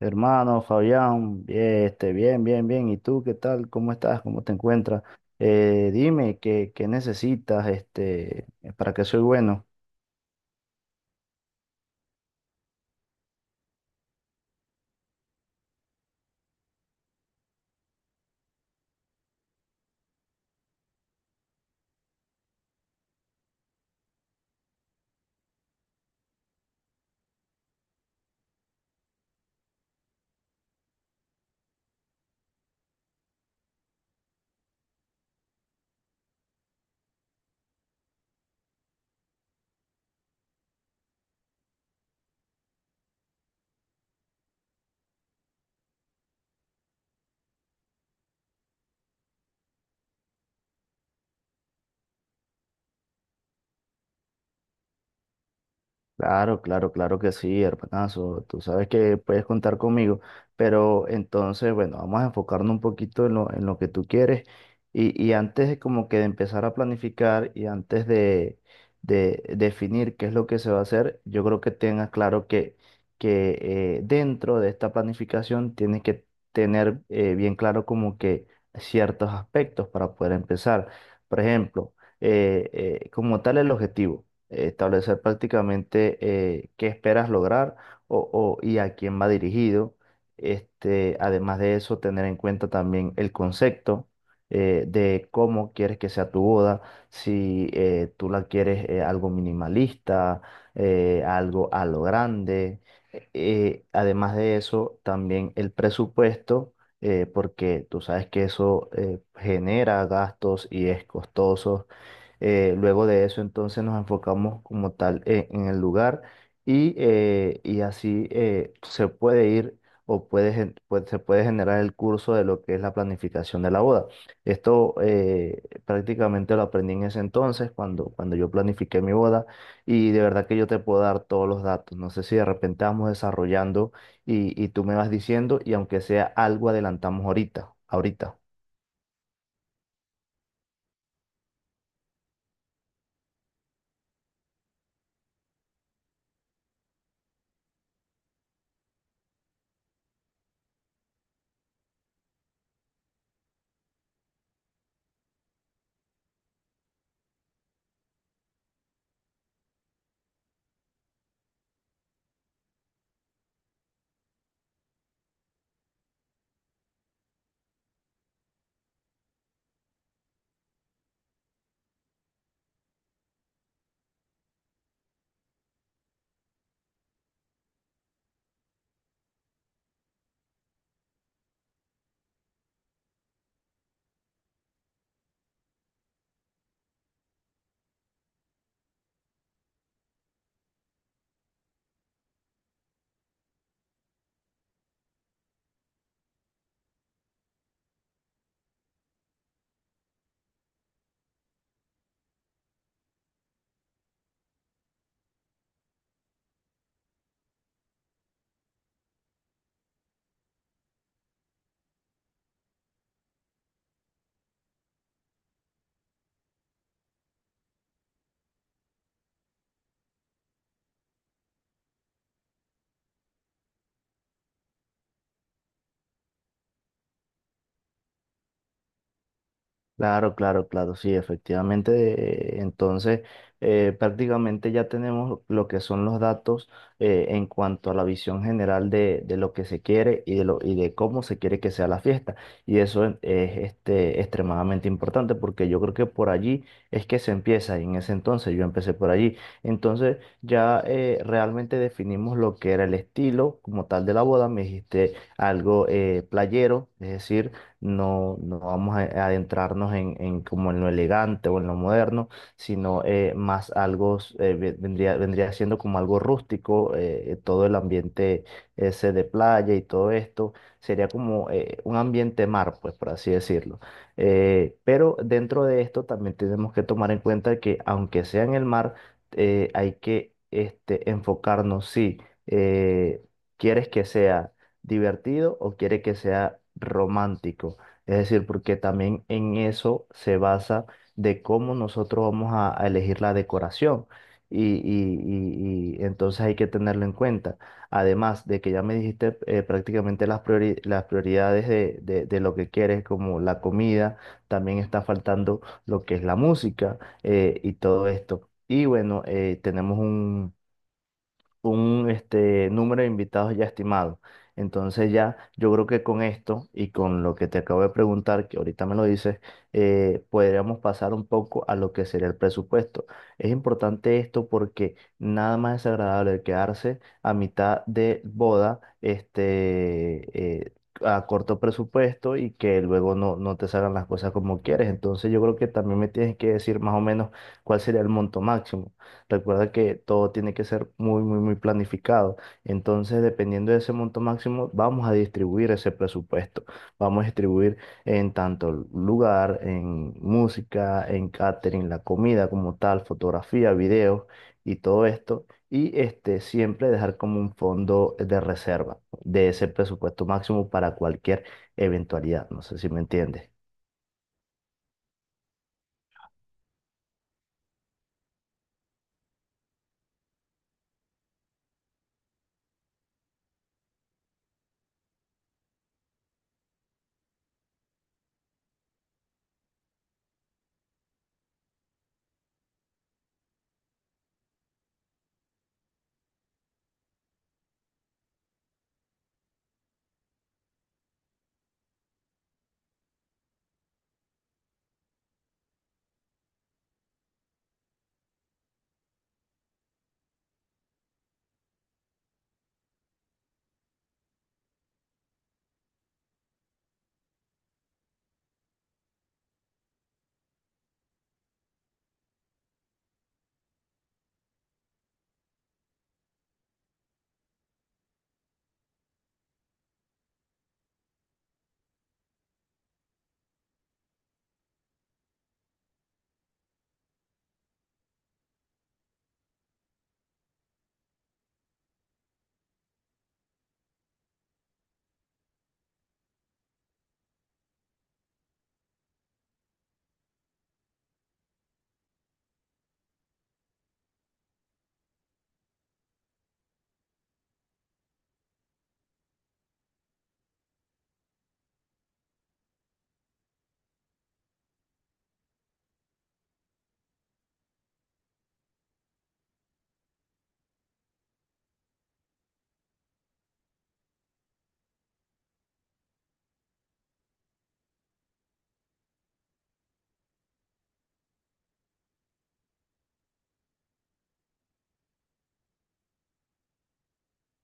Hermano Fabián, bien, bien, bien, bien. ¿Y tú qué tal? ¿Cómo estás? ¿Cómo te encuentras? Dime qué necesitas para que soy bueno. Claro, claro, claro que sí, hermanazo. Tú sabes que puedes contar conmigo, pero entonces, bueno, vamos a enfocarnos un poquito en en lo que tú quieres y antes de como que de empezar a planificar y antes de definir qué es lo que se va a hacer, yo creo que tengas claro que dentro de esta planificación tienes que tener bien claro como que ciertos aspectos para poder empezar. Por ejemplo, eh, como tal el objetivo, establecer prácticamente qué esperas lograr y a quién va dirigido. Además de eso, tener en cuenta también el concepto de cómo quieres que sea tu boda, si tú la quieres algo minimalista, algo a lo grande. Además de eso, también el presupuesto, porque tú sabes que eso genera gastos y es costoso. Luego de eso, entonces nos enfocamos como tal en el lugar y así se puede ir o se puede generar el curso de lo que es la planificación de la boda. Esto prácticamente lo aprendí en ese entonces, cuando yo planifiqué mi boda, y de verdad que yo te puedo dar todos los datos. No sé si de repente vamos desarrollando y tú me vas diciendo, y aunque sea algo adelantamos ahorita, ahorita. Claro, claro, claro, sí, efectivamente. Entonces, prácticamente ya tenemos lo que son los datos en cuanto a la visión general de lo que se quiere y y de cómo se quiere que sea la fiesta. Y eso es extremadamente importante porque yo creo que por allí es que se empieza y en ese entonces yo empecé por allí. Entonces, ya realmente definimos lo que era el estilo como tal de la boda. Me dijiste algo playero, es decir, no vamos a adentrarnos en como en lo elegante o en lo moderno, sino más algo, vendría, vendría siendo como algo rústico, todo el ambiente ese de playa y todo esto, sería como un ambiente mar, pues, por así decirlo. Pero dentro de esto también tenemos que tomar en cuenta que aunque sea en el mar, hay que enfocarnos, si eh, quieres que sea divertido o quiere que sea romántico. Es decir, porque también en eso se basa de cómo nosotros vamos a elegir la decoración. Y entonces hay que tenerlo en cuenta. Además de que ya me dijiste prácticamente las prioridades de lo que quieres, como la comida, también está faltando lo que es la música, y todo esto. Y bueno, tenemos un número de invitados ya estimado. Entonces ya yo creo que con esto y con lo que te acabo de preguntar, que ahorita me lo dices, podríamos pasar un poco a lo que sería el presupuesto. Es importante esto porque nada más desagradable quedarse a mitad de boda, a corto presupuesto y que luego no te salgan las cosas como quieres. Entonces yo creo que también me tienes que decir más o menos cuál sería el monto máximo. Recuerda que todo tiene que ser muy, muy, muy planificado. Entonces, dependiendo de ese monto máximo, vamos a distribuir ese presupuesto. Vamos a distribuir en tanto lugar, en música, en catering, la comida como tal, fotografía, videos y todo esto. Y siempre dejar como un fondo de reserva de ese presupuesto máximo para cualquier eventualidad. No sé si me entiendes.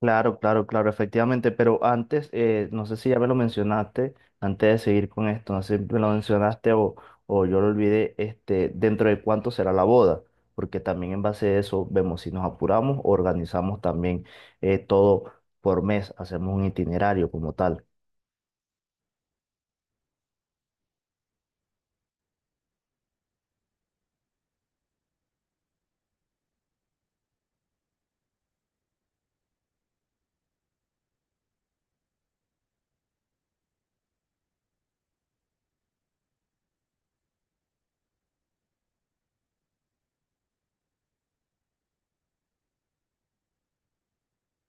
Claro, claro, claro, efectivamente, pero antes, no sé si ya me lo mencionaste, antes de seguir con esto, no sé si me lo mencionaste o yo lo olvidé, dentro de cuánto será la boda, porque también en base a eso vemos si nos apuramos, organizamos también todo por mes, hacemos un itinerario como tal.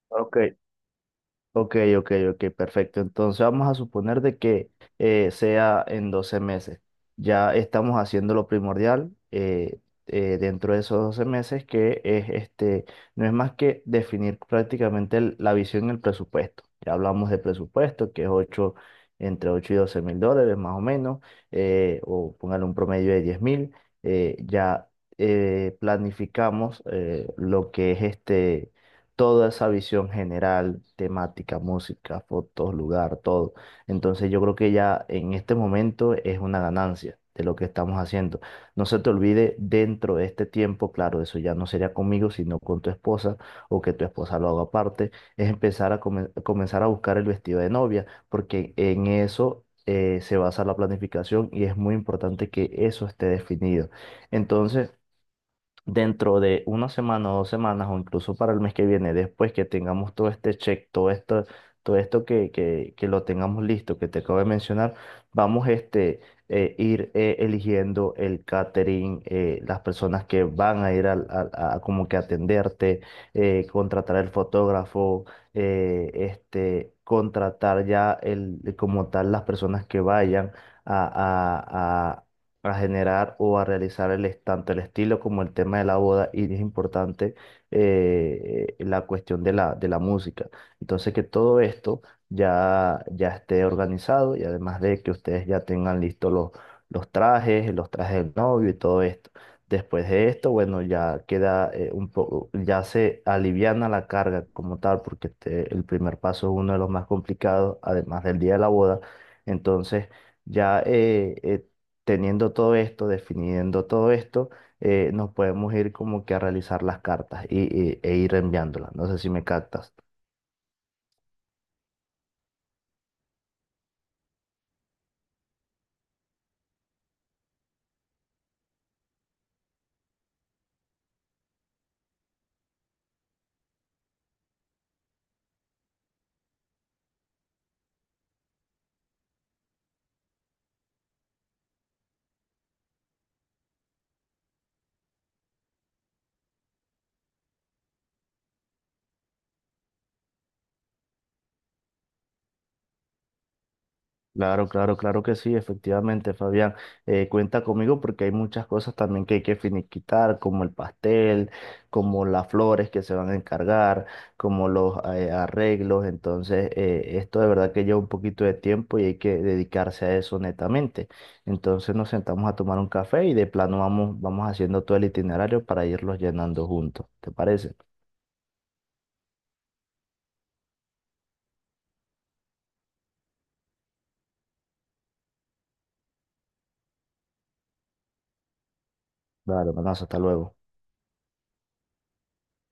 Ok, ok, perfecto. Entonces vamos a suponer de que sea en 12 meses. Ya estamos haciendo lo primordial, dentro de esos 12 meses, que es no es más que definir prácticamente la visión y el presupuesto. Ya hablamos de presupuesto, que es 8 entre $8000 y $12.000 más o menos, o póngale un promedio de 10.000. Ya planificamos lo que es toda esa visión general, temática, música, fotos, lugar, todo. Entonces yo creo que ya en este momento es una ganancia de lo que estamos haciendo. No se te olvide dentro de este tiempo, claro, eso ya no sería conmigo, sino con tu esposa o que tu esposa lo haga aparte, es empezar comenzar a buscar el vestido de novia, porque en eso se basa la planificación y es muy importante que eso esté definido. Entonces, dentro de una semana o dos semanas o incluso para el mes que viene, después que tengamos todo este check, todo esto que lo tengamos listo, que te acabo de mencionar, vamos este, ir eligiendo el catering, las personas que van a ir a, como que atenderte, contratar el fotógrafo, contratar ya como tal las personas que vayan. A, a, a generar o a realizar tanto el estilo como el tema de la boda y es importante, la cuestión de de la música. Entonces que todo esto ya esté organizado y además de que ustedes ya tengan listos los trajes del novio y todo esto. Después de esto, bueno, ya queda un poco, ya se aliviana la carga como tal, porque el primer paso es uno de los más complicados, además del día de la boda. Entonces, ya teniendo todo esto, definiendo todo esto, nos podemos ir como que a realizar las cartas e ir enviándolas. No sé si me captas. Claro, claro, claro que sí, efectivamente, Fabián. Cuenta conmigo porque hay muchas cosas también que hay que finiquitar, como el pastel, como las flores que se van a encargar, como los arreglos. Entonces, esto de verdad que lleva un poquito de tiempo y hay que dedicarse a eso netamente. Entonces, nos sentamos a tomar un café y de plano vamos, vamos haciendo todo el itinerario para irlos llenando juntos. ¿Te parece? Claro, hermanazo, hasta luego.